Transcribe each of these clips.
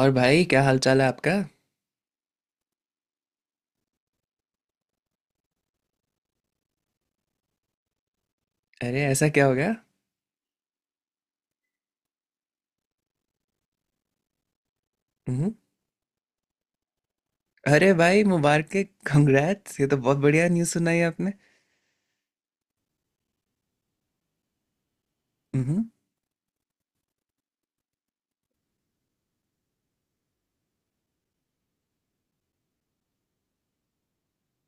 और भाई क्या हाल चाल है आपका। अरे ऐसा क्या हो गया। हम्म। अरे भाई मुबारक है। कंग्रेट्स, ये तो बहुत बढ़िया न्यूज़ सुनाई आपने। हम्म।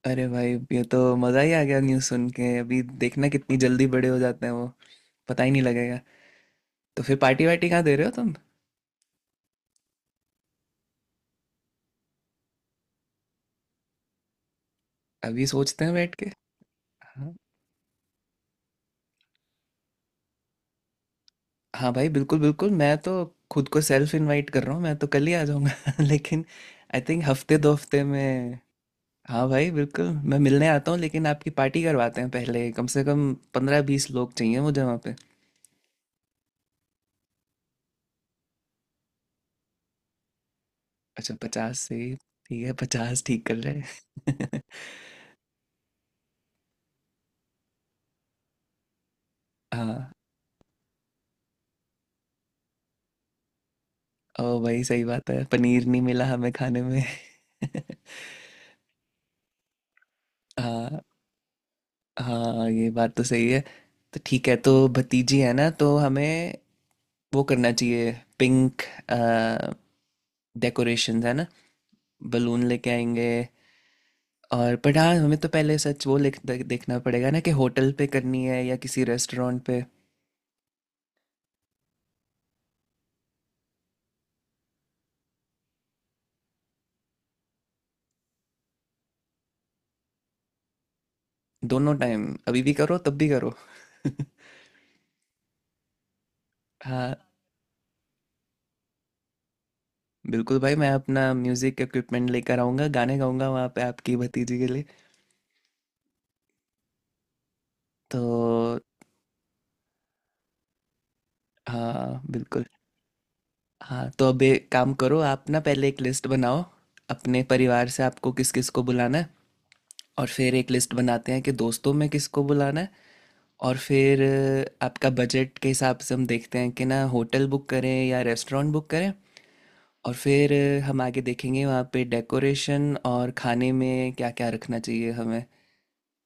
अरे भाई ये तो मज़ा ही आ गया न्यूज़ सुन के, अभी देखना कितनी जल्दी बड़े हो जाते हैं वो, पता ही नहीं लगेगा। तो फिर पार्टी वार्टी कहाँ दे रहे हो तुम? अभी सोचते हैं बैठ के। हाँ। हाँ भाई बिल्कुल बिल्कुल, मैं तो खुद को सेल्फ इनवाइट कर रहा हूँ, मैं तो कल ही आ जाऊँगा लेकिन आई थिंक हफ्ते दो हफ्ते में। हाँ भाई बिल्कुल, मैं मिलने आता हूँ लेकिन आपकी पार्टी करवाते हैं पहले, कम से कम 15 20 लोग चाहिए मुझे वहाँ पे। अच्छा 50 से? ठीक है, 50 ठीक कर रहे हैं। हाँ। ओ भाई सही बात है, पनीर नहीं मिला हमें खाने में। हाँ। हाँ, ये बात तो सही है। तो ठीक है, तो भतीजी है ना, तो हमें वो करना चाहिए। पिंक डेकोरेशंस है ना, बलून लेके आएंगे। और पर हाँ, हमें तो पहले सच वो देखना पड़ेगा ना कि होटल पे करनी है या किसी रेस्टोरेंट पे। दोनों टाइम, अभी भी करो तब भी करो। हाँ बिल्कुल भाई, मैं अपना म्यूजिक इक्विपमेंट लेकर आऊँगा, गाने गाऊंगा वहाँ पे आपकी भतीजी के लिए। तो हाँ बिल्कुल। हाँ, तो अब एक काम करो आप, ना पहले एक लिस्ट बनाओ अपने परिवार से आपको किस किस को बुलाना है। और फिर एक लिस्ट बनाते हैं कि दोस्तों में किसको बुलाना है। और फिर आपका बजट के हिसाब से हम देखते हैं कि ना होटल बुक करें या रेस्टोरेंट बुक करें। और फिर हम आगे देखेंगे वहाँ पे डेकोरेशन और खाने में क्या क्या रखना चाहिए हमें।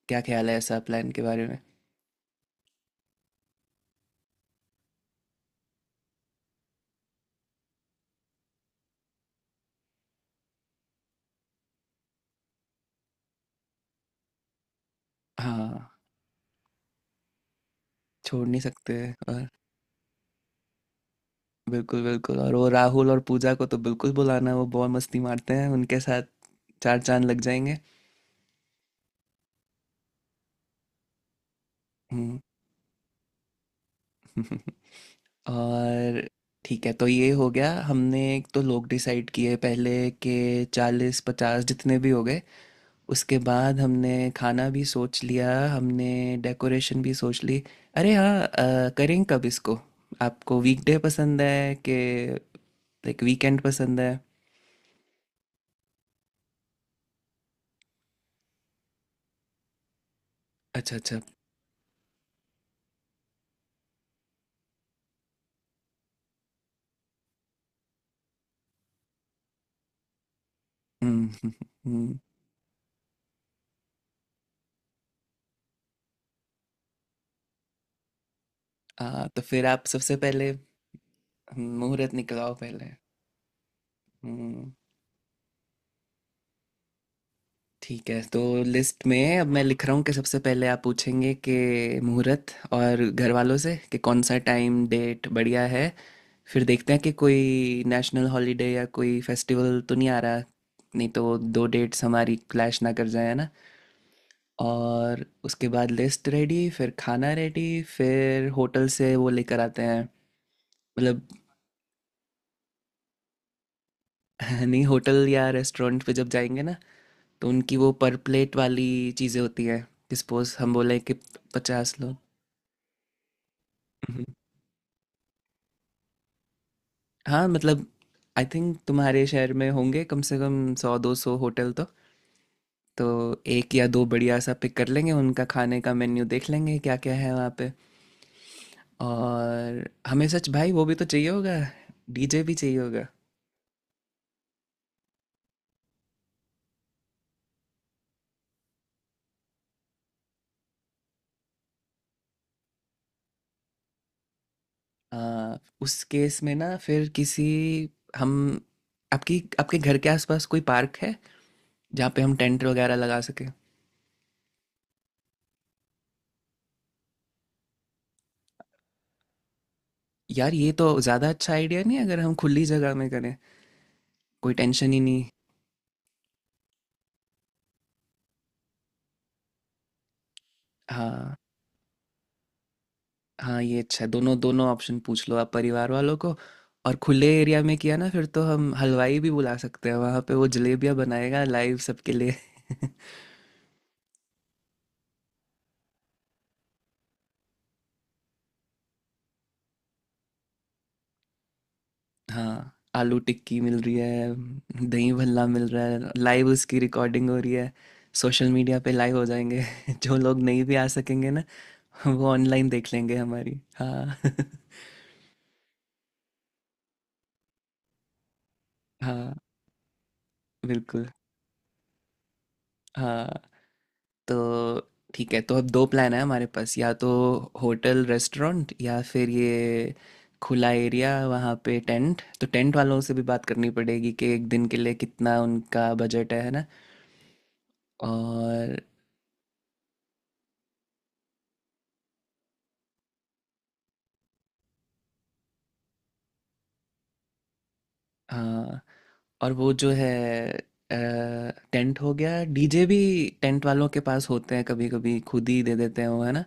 क्या ख्याल है ऐसा प्लान के बारे में? हाँ, छोड़ नहीं सकते। और बिल्कुल बिल्कुल, और वो राहुल और पूजा को तो बिल्कुल बुलाना, वो बहुत मस्ती मारते हैं उनके साथ, चार चांद लग जाएंगे। हम्म। और ठीक है, तो ये हो गया हमने, एक तो लोग डिसाइड किए पहले के 40 50 जितने भी हो गए। उसके बाद हमने खाना भी सोच लिया, हमने डेकोरेशन भी सोच ली। अरे हाँ करें कब इसको? आपको वीकडे पसंद है कि लाइक वीकेंड पसंद है? अच्छा अच्छा। हम्म हम्म, हम्म, हाँ तो फिर आप सबसे पहले मुहूर्त निकलाओ पहले। हम्म। ठीक है, तो लिस्ट में अब मैं लिख रहा हूँ कि सबसे पहले आप पूछेंगे कि मुहूर्त और घर वालों से कि कौन सा टाइम डेट बढ़िया है। फिर देखते हैं कि कोई नेशनल हॉलीडे या कोई फेस्टिवल तो नहीं आ रहा, नहीं तो दो डेट्स हमारी क्लैश ना कर जाए है ना। और उसके बाद लिस्ट रेडी, फिर खाना रेडी, फिर होटल से वो लेकर आते हैं। मतलब नहीं, होटल या रेस्टोरेंट पे जब जाएंगे ना, तो उनकी वो पर प्लेट वाली चीज़ें होती हैं। सपोज हम बोले कि 50 लोग। हाँ मतलब, आई थिंक तुम्हारे शहर में होंगे कम से कम 100 200 होटल तो एक या दो बढ़िया सा पिक कर लेंगे, उनका खाने का मेन्यू देख लेंगे क्या क्या है वहाँ पे। और हमें सच भाई वो भी तो चाहिए होगा, डीजे भी चाहिए होगा। आ, उस केस में ना, फिर किसी हम, आपकी आपके घर के आसपास कोई पार्क है जहाँ पे हम टेंट वगैरह लगा सके? यार, ये तो ज़्यादा अच्छा आइडिया नहीं है, अगर हम खुली जगह में करें कोई टेंशन ही नहीं। हाँ। हाँ, ये अच्छा है। दोनों दोनों ऑप्शन पूछ लो आप परिवार वालों को। और खुले एरिया में किया ना फिर तो हम हलवाई भी बुला सकते हैं वहाँ पे, वो जलेबियाँ बनाएगा लाइव सबके लिए। हाँ, आलू टिक्की मिल रही है, दही भल्ला मिल रहा है, लाइव उसकी रिकॉर्डिंग हो रही है, सोशल मीडिया पे लाइव हो जाएंगे। जो लोग नहीं भी आ सकेंगे ना, वो ऑनलाइन देख लेंगे हमारी। हाँ हाँ बिल्कुल। हाँ तो ठीक है, तो अब दो प्लान है हमारे पास, या तो होटल रेस्टोरेंट या फिर ये खुला एरिया। वहाँ पे टेंट, तो टेंट वालों से भी बात करनी पड़ेगी कि एक दिन के लिए कितना उनका बजट है ना। और हाँ, और वो जो है, टेंट हो गया, डीजे भी टेंट वालों के पास होते हैं कभी कभी, खुद ही दे देते हैं वो है ना,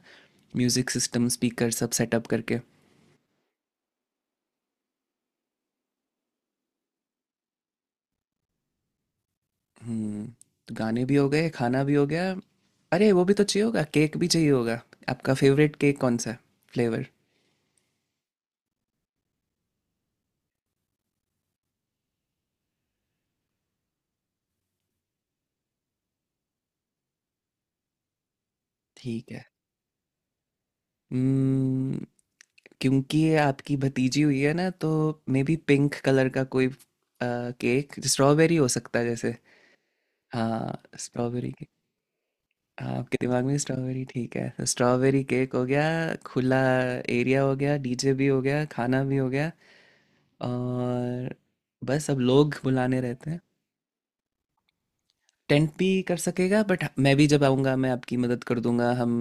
म्यूज़िक सिस्टम स्पीकर सब सेटअप करके। हम्म। तो गाने भी हो गए, खाना भी हो गया। अरे वो भी तो चाहिए होगा, केक भी चाहिए होगा। आपका फेवरेट केक कौन सा है, फ्लेवर? ठीक है। हम्म। क्योंकि ये आपकी भतीजी हुई है ना, तो मे बी पिंक कलर का कोई केक, स्ट्रॉबेरी हो सकता है जैसे। हाँ, स्ट्रॉबेरी केक। हाँ, आपके दिमाग में स्ट्रॉबेरी, ठीक है, तो स्ट्रॉबेरी केक हो गया, खुला एरिया हो गया, डीजे भी हो गया, खाना भी हो गया। और बस अब लोग बुलाने रहते हैं। टेंट भी कर सकेगा, बट मैं भी जब आऊँगा मैं आपकी मदद कर दूंगा, हम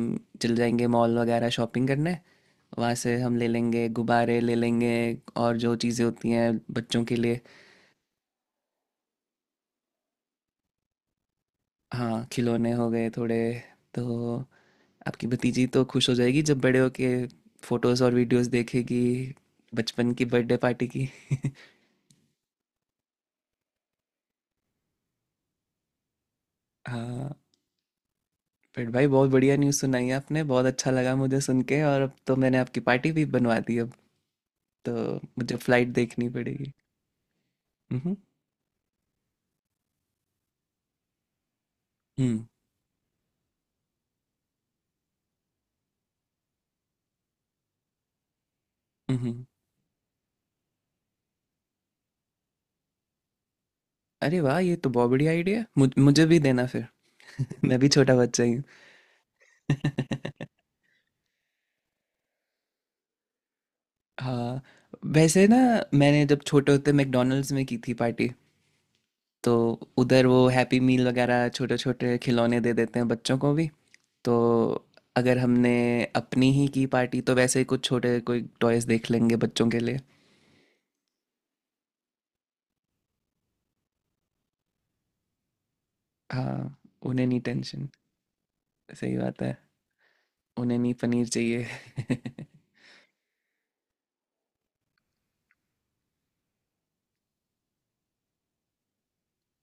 चल जाएंगे मॉल वगैरह शॉपिंग करने, वहाँ से हम ले लेंगे, गुब्बारे ले लेंगे और जो चीज़ें होती हैं बच्चों के लिए। हाँ, खिलौने हो गए थोड़े। तो आपकी भतीजी तो खुश हो जाएगी जब बड़े होके फोटोज़ और वीडियोज़ देखेगी बचपन की बर्थडे पार्टी की। हाँ। फिर भाई, बहुत बढ़िया न्यूज़ सुनाई आपने, बहुत अच्छा लगा मुझे सुन के, और अब तो मैंने आपकी पार्टी भी बनवा दी, अब तो मुझे फ्लाइट देखनी पड़ेगी। हम्म। हम्म। उहुँ। अरे वाह! ये तो बहुत बढ़िया आइडिया है। मुझे भी देना फिर। मैं भी छोटा बच्चा ही हूँ। हाँ, वैसे ना मैंने जब छोटे होते मैकडॉनल्ड्स में की थी पार्टी। तो उधर वो हैप्पी मील वगैरह छोटे-छोटे खिलौने दे देते हैं बच्चों को भी। तो अगर हमने अपनी ही की पार्टी, तो वैसे ही कुछ छोटे कोई टॉयज़ देख लेंगे बच्चों के लिए। हाँ, उन्हें नहीं टेंशन। सही बात है। उन्हें नहीं पनीर चाहिए।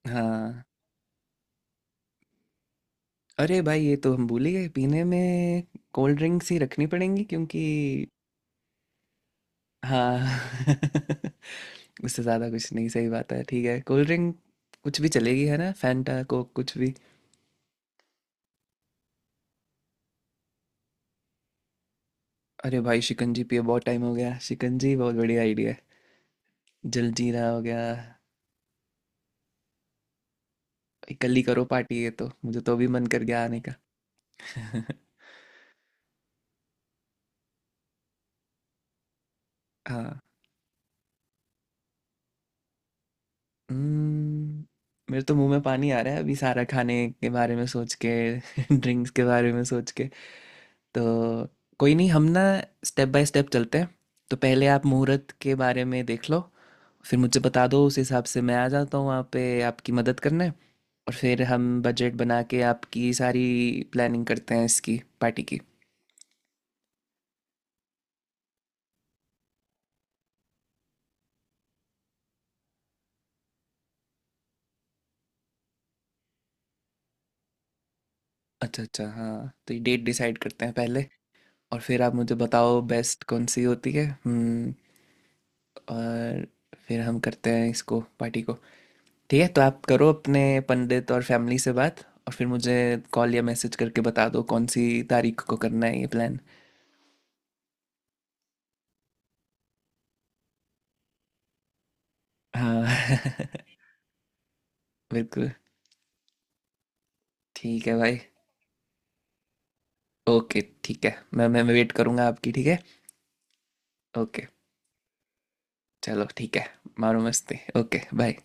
हाँ। अरे भाई, ये तो हम भूल ही गए, पीने में कोल्ड ड्रिंक्स ही रखनी पड़ेंगी क्योंकि, हाँ उससे ज़्यादा कुछ नहीं, सही बात है, ठीक है, कोल्ड ड्रिंक कुछ भी चलेगी है ना, फैंटा कोक कुछ भी। अरे भाई, शिकंजी पिए बहुत टाइम हो गया, शिकंजी बहुत बढ़िया आइडिया है, जलजीरा हो गया। कल ही करो पार्टी, ये तो मुझे तो अभी मन कर गया आने का। हाँ। हम्म, मेरे तो मुंह में पानी आ रहा है अभी सारा खाने के बारे में सोच के। ड्रिंक्स के बारे में सोच के। तो कोई नहीं, हम ना स्टेप बाय स्टेप चलते हैं। तो पहले आप मुहूर्त के बारे में देख लो, फिर मुझे बता दो, उस हिसाब से मैं आ जाता हूँ वहाँ पे आपकी मदद करने। और फिर हम बजट बना के आपकी सारी प्लानिंग करते हैं इसकी पार्टी की। अच्छा अच्छा। हाँ, तो ये डेट डिसाइड करते हैं पहले, और फिर आप मुझे बताओ बेस्ट कौन सी होती है। हम्म। और फिर हम करते हैं इसको पार्टी को। ठीक है, तो आप करो अपने पंडित और फैमिली से बात, और फिर मुझे कॉल या मैसेज करके बता दो कौन सी तारीख को करना है ये प्लान। हाँ। बिल्कुल। ठीक है भाई। ओके ठीक है, मैं वेट करूँगा आपकी। ठीक है। ओके। चलो ठीक है। मारो मस्ती। Okay bye.